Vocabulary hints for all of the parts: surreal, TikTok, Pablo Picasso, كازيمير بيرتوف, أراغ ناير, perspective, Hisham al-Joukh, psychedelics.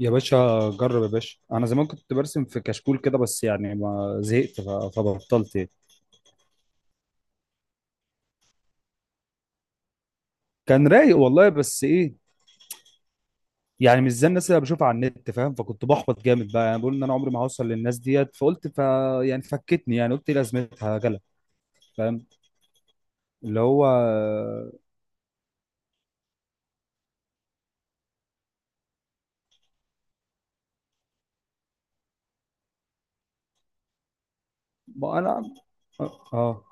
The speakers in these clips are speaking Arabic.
يا باشا، جرب يا باشا، انا زمان كنت برسم في كشكول كده، بس يعني ما زهقت فبطلت يعني. كان رايق والله، بس ايه، يعني مش زي الناس اللي بشوفها على النت، فاهم؟ فكنت بحبط جامد بقى، يعني بقول ان انا عمري ما هوصل للناس ديت، فقلت يعني فكتني، يعني قلت إيه لازمتها جلا، فاهم؟ اللي هو ما انا اه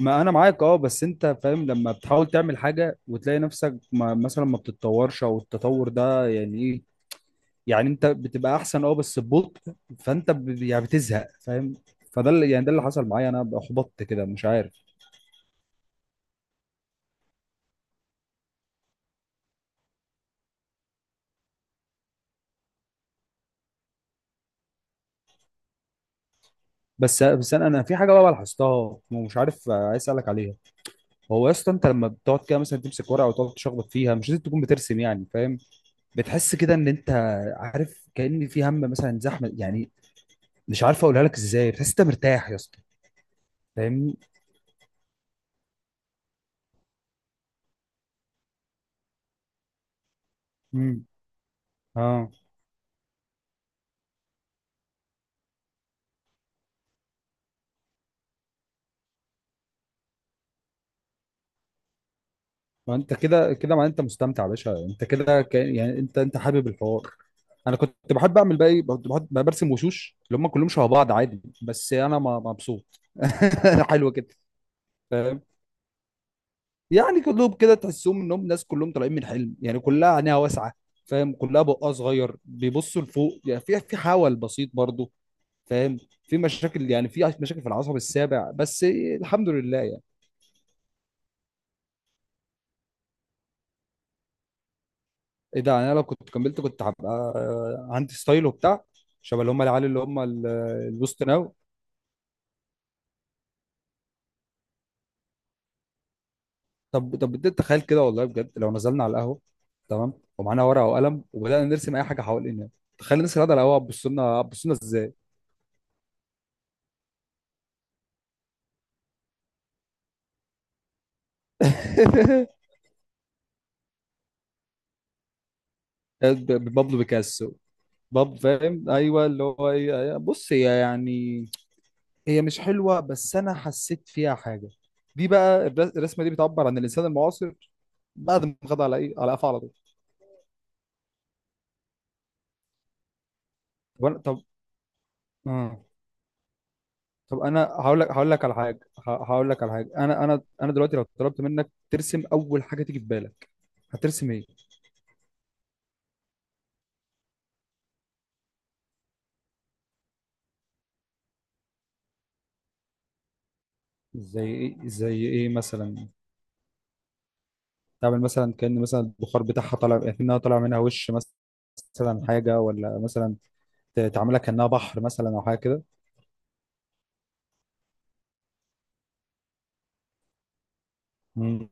ما انا معاك، اه بس انت فاهم لما بتحاول تعمل حاجه وتلاقي نفسك ما مثلا ما بتتطورش او التطور ده يعني ايه. يعني انت بتبقى احسن اه بس ببطء، فانت يعني بتزهق، فاهم؟ فده اللي يعني ده اللي حصل معايا، انا احبطت كده مش عارف. بس انا في حاجه بقى لاحظتها ومش عارف، عايز اسالك عليها. هو يا اسطى، انت لما بتقعد كده مثلا تمسك ورقه وتقعد تشخبط فيها مش لازم تكون بترسم، يعني فاهم؟ بتحس كده ان انت عارف كأن في هم مثلا زحمه، يعني مش عارف اقولها لك ازاي، بتحس انت مرتاح يا اسطى، فاهمني؟ امم، اه، ما انت كده كده ما انت مستمتع يا باشا، انت كده يعني انت انت حابب الحوار. انا كنت بحب اعمل بقى ايه، كنت بحب برسم وشوش اللي هم كلهم شبه بعض عادي، بس انا مبسوط حلو كده. فاهم؟ يعني كلهم كده تحسهم انهم ناس كلهم طالعين من حلم، يعني كلها عينيها واسعه، فاهم؟ كلها بقها صغير، بيبصوا لفوق، يعني في حول بسيط برضو، فاهم؟ في مشاكل، يعني في مشاكل في العصب السابع، بس الحمد لله يعني. ايه ده، انا لو كنت كملت كنت هبقى عندي ستايل وبتاع، شبه اللي هم العيال اللي هم الوسط ناو. طب طب بديت تخيل كده، والله بجد، لو نزلنا على القهوه، تمام، ومعانا ورقه وقلم وبدانا نرسم اي حاجه حوالينا، تخيل الناس اللي قاعده على القهوه هتبص لنا، هتبص لنا ازاي؟ بابلو بيكاسو، فاهم ايوه اللي هو ايه. أيوة. بص هي يعني هي مش حلوه، بس انا حسيت فيها حاجه. دي بقى الرسمه دي بتعبر عن الانسان المعاصر بعد ما خد على ايه، على قفا، على طول. طب آه. طب انا هقول لك على حاجه هقول لك على حاجه، انا دلوقتي لو طلبت منك ترسم اول حاجه تيجي في بالك هترسم ايه؟ زي ايه مثلا؟ تعمل مثلا كأن مثلا البخار بتاعها طالع كأنها طالع منها وش مثلا، مثلا حاجه، ولا مثلا تعملها كأنها بحر مثلا او حاجه كده. مم.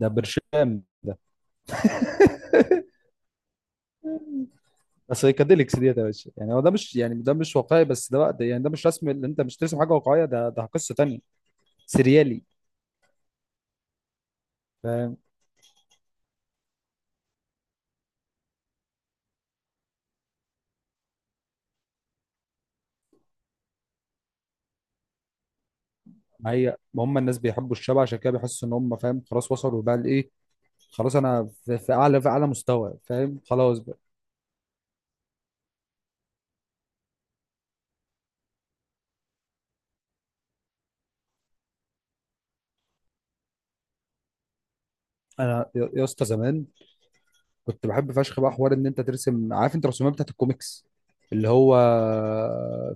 ده برشام ده سايكاديليكس ديت يا باشا، يعني هو ده مش، يعني ده مش واقعي، بس ده بقى ده، يعني ده مش رسم اللي انت مش ترسم حاجه واقعيه، ده ده قصه تانيه. سريالي. ما هي ما هم الناس بيحبوا الشبه، عشان كده بيحسوا ان هم فاهم خلاص وصلوا بقى لايه. خلاص انا في، في اعلى مستوى، فاهم؟ خلاص بقى. انا يا اسطى زمان كنت بحب فشخ بقى حوار ان انت ترسم، عارف انت الرسومات بتاعت الكوميكس اللي هو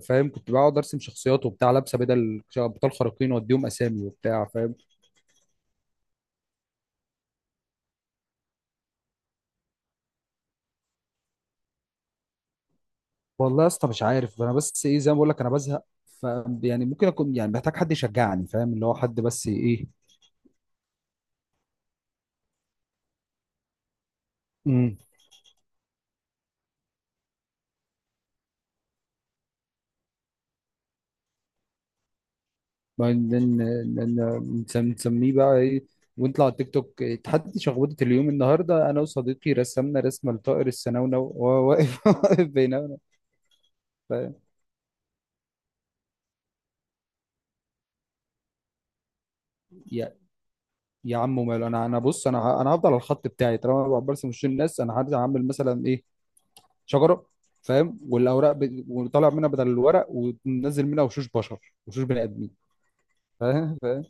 فاهم؟ كنت بقعد ارسم شخصيات وبتاع لابسه بدل ابطال خارقين واديهم اسامي وبتاع، فاهم؟ والله يا اسطى مش عارف، انا بس ايه، زي ما بقول لك انا بزهق. ف يعني ممكن اكون يعني محتاج حد يشجعني، فاهم؟ اللي هو حد، بس ايه. بعدين نسميه بقى ايه؟ ونطلع على التيك توك، تحدي شخبطة اليوم. النهارده انا وصديقي رسمنا رسمه لطائر السنونو وهو واقف واقف بيننا. ف... يا يا عم ماله، انا بص، انا هفضل على الخط بتاعي، طالما انا برسم وش الناس انا هرجع اعمل مثلا ايه، شجره، فاهم؟ والاوراق وطالع منها بدل الورق وننزل منها وشوش بشر، وشوش بني ادمين. فاهم فاهم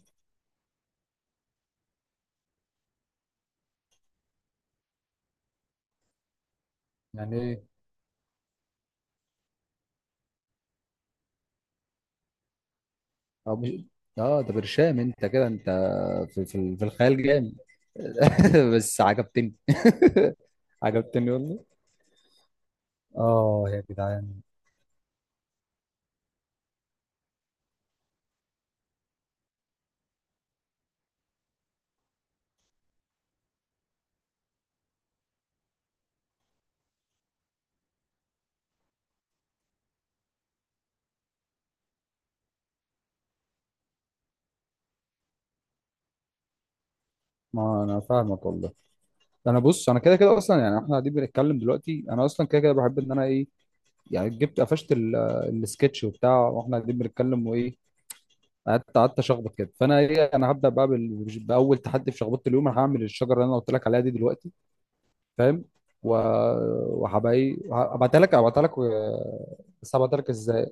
يعني ايه؟ أو مش... اه ده برشام انت، كده انت في الخيال جامد بس عجبتني عجبتني والله. اه يا جدعان. ما انا فاهمك والله. انا بص، انا كده كده اصلا، يعني احنا قاعدين بنتكلم دلوقتي، انا اصلا كده كده بحب ان انا ايه، يعني جبت قفشت السكتش وبتاع واحنا قاعدين بنتكلم، وايه قعدت اشخبط كده. فانا ايه، انا هبدا بقى باول تحدي في شخبطه اليوم. انا هعمل الشجره اللي انا قلت لك عليها دي دلوقتي، فاهم؟ و- وهبقى ايه، هبعتها لك بس هبعتها لك ازاي؟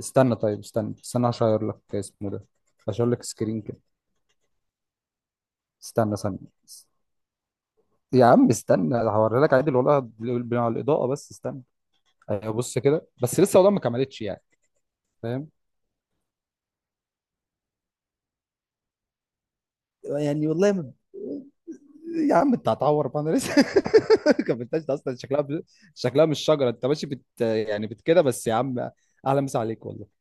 استنى طيب، استنى استنى عشان اغير لك اسمه ده، عشان اغير لك سكرين كده. استنى ثانية. يا عم استنى هوري لك عادي والله على الإضاءة، بس استنى. أيوة بص كده، بس لسه والله ما كملتش يعني، فاهم؟ يعني والله ما... يا عم انت هتعور بقى، انا لسه ما كملتهاش، ده اصلا شكلها شكلها مش شجرة، انت ماشي يعني بت كده بس يا عم. اهلا مسا عليك والله.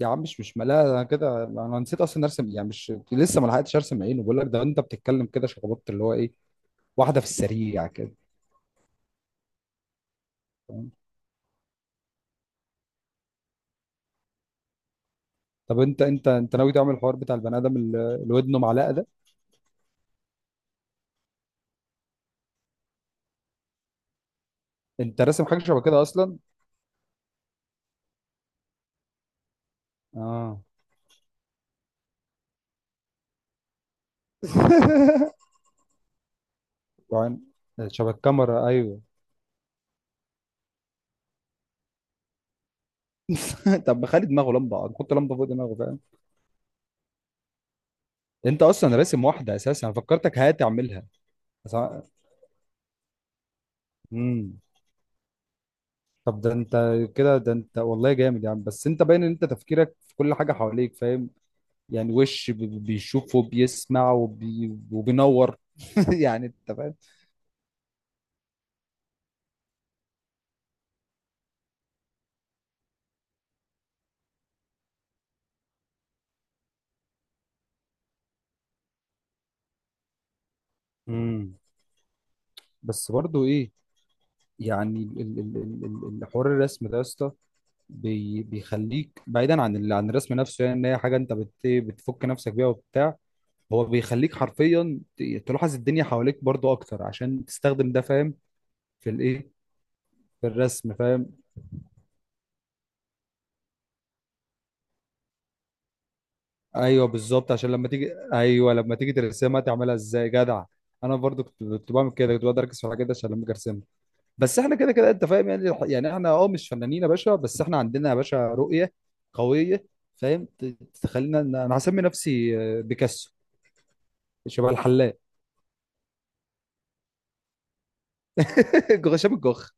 يا عم مش ملاها، انا كده انا نسيت اصلا ارسم، يعني مش لسه ما لحقتش ارسم عينه. بقول لك ده انت بتتكلم كده شخبطت اللي هو ايه، واحدة في السريع كده. تمام. طب انت انت ناوي تعمل الحوار بتاع البني ادم اللي ودنه معلقه ده، انت راسم حاجه شبه كده اصلا؟ اه وعن شبه الكاميرا ايوه. طب ما خلي دماغه لمبه، نحط لمبه فوق دماغه، فاهم؟ انت اصلا راسم واحده اساسا، انا فكرتك هتعملها. بس ع- امم طب ده انت كده، ده انت والله جامد، يعني بس انت باين ان انت تفكيرك في كل حاجه حواليك، فاهم؟ يعني وش بيشوف وبيسمع وبينور يعني انت فاهم. امم بس برضه ايه، يعني حوار الرسم ده يا اسطى بيخليك بعيدا عن عن الرسم نفسه، يعني ان هي حاجه انت بتفك نفسك بيها وبتاع. هو بيخليك حرفيا تلاحظ الدنيا حواليك برضو اكتر عشان تستخدم ده، فاهم؟ في الايه، في الرسم، فاهم؟ ايوه بالظبط، عشان لما تيجي ايوه، لما تيجي ترسمها تعملها ازاي جدع. انا برضو كنت بعمل كده، كنت بقدر اركز في الحاجات دي عشان لما اجي ارسمها. بس احنا كده كده انت فاهم، يعني احنا اه مش فنانين يا باشا، بس احنا عندنا يا باشا رؤية قوية، فاهم؟ تخلينا انا هسمي نفسي بيكاسو. شبه الحلاق هشام الجوخ.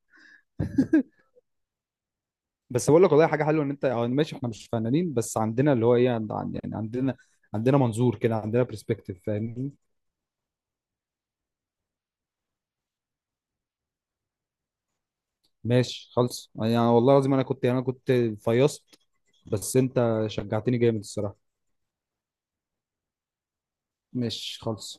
بس بقول لك والله حاجة حلوة، ان انت اه ماشي احنا مش فنانين بس عندنا اللي هو ايه، يعني عندنا منظور كده، عندنا برسبكتيف، فاهمني؟ ماشي خالص. يعني والله العظيم انا كنت فيصت، بس انت شجعتني جامد الصراحة. ماشي خالص.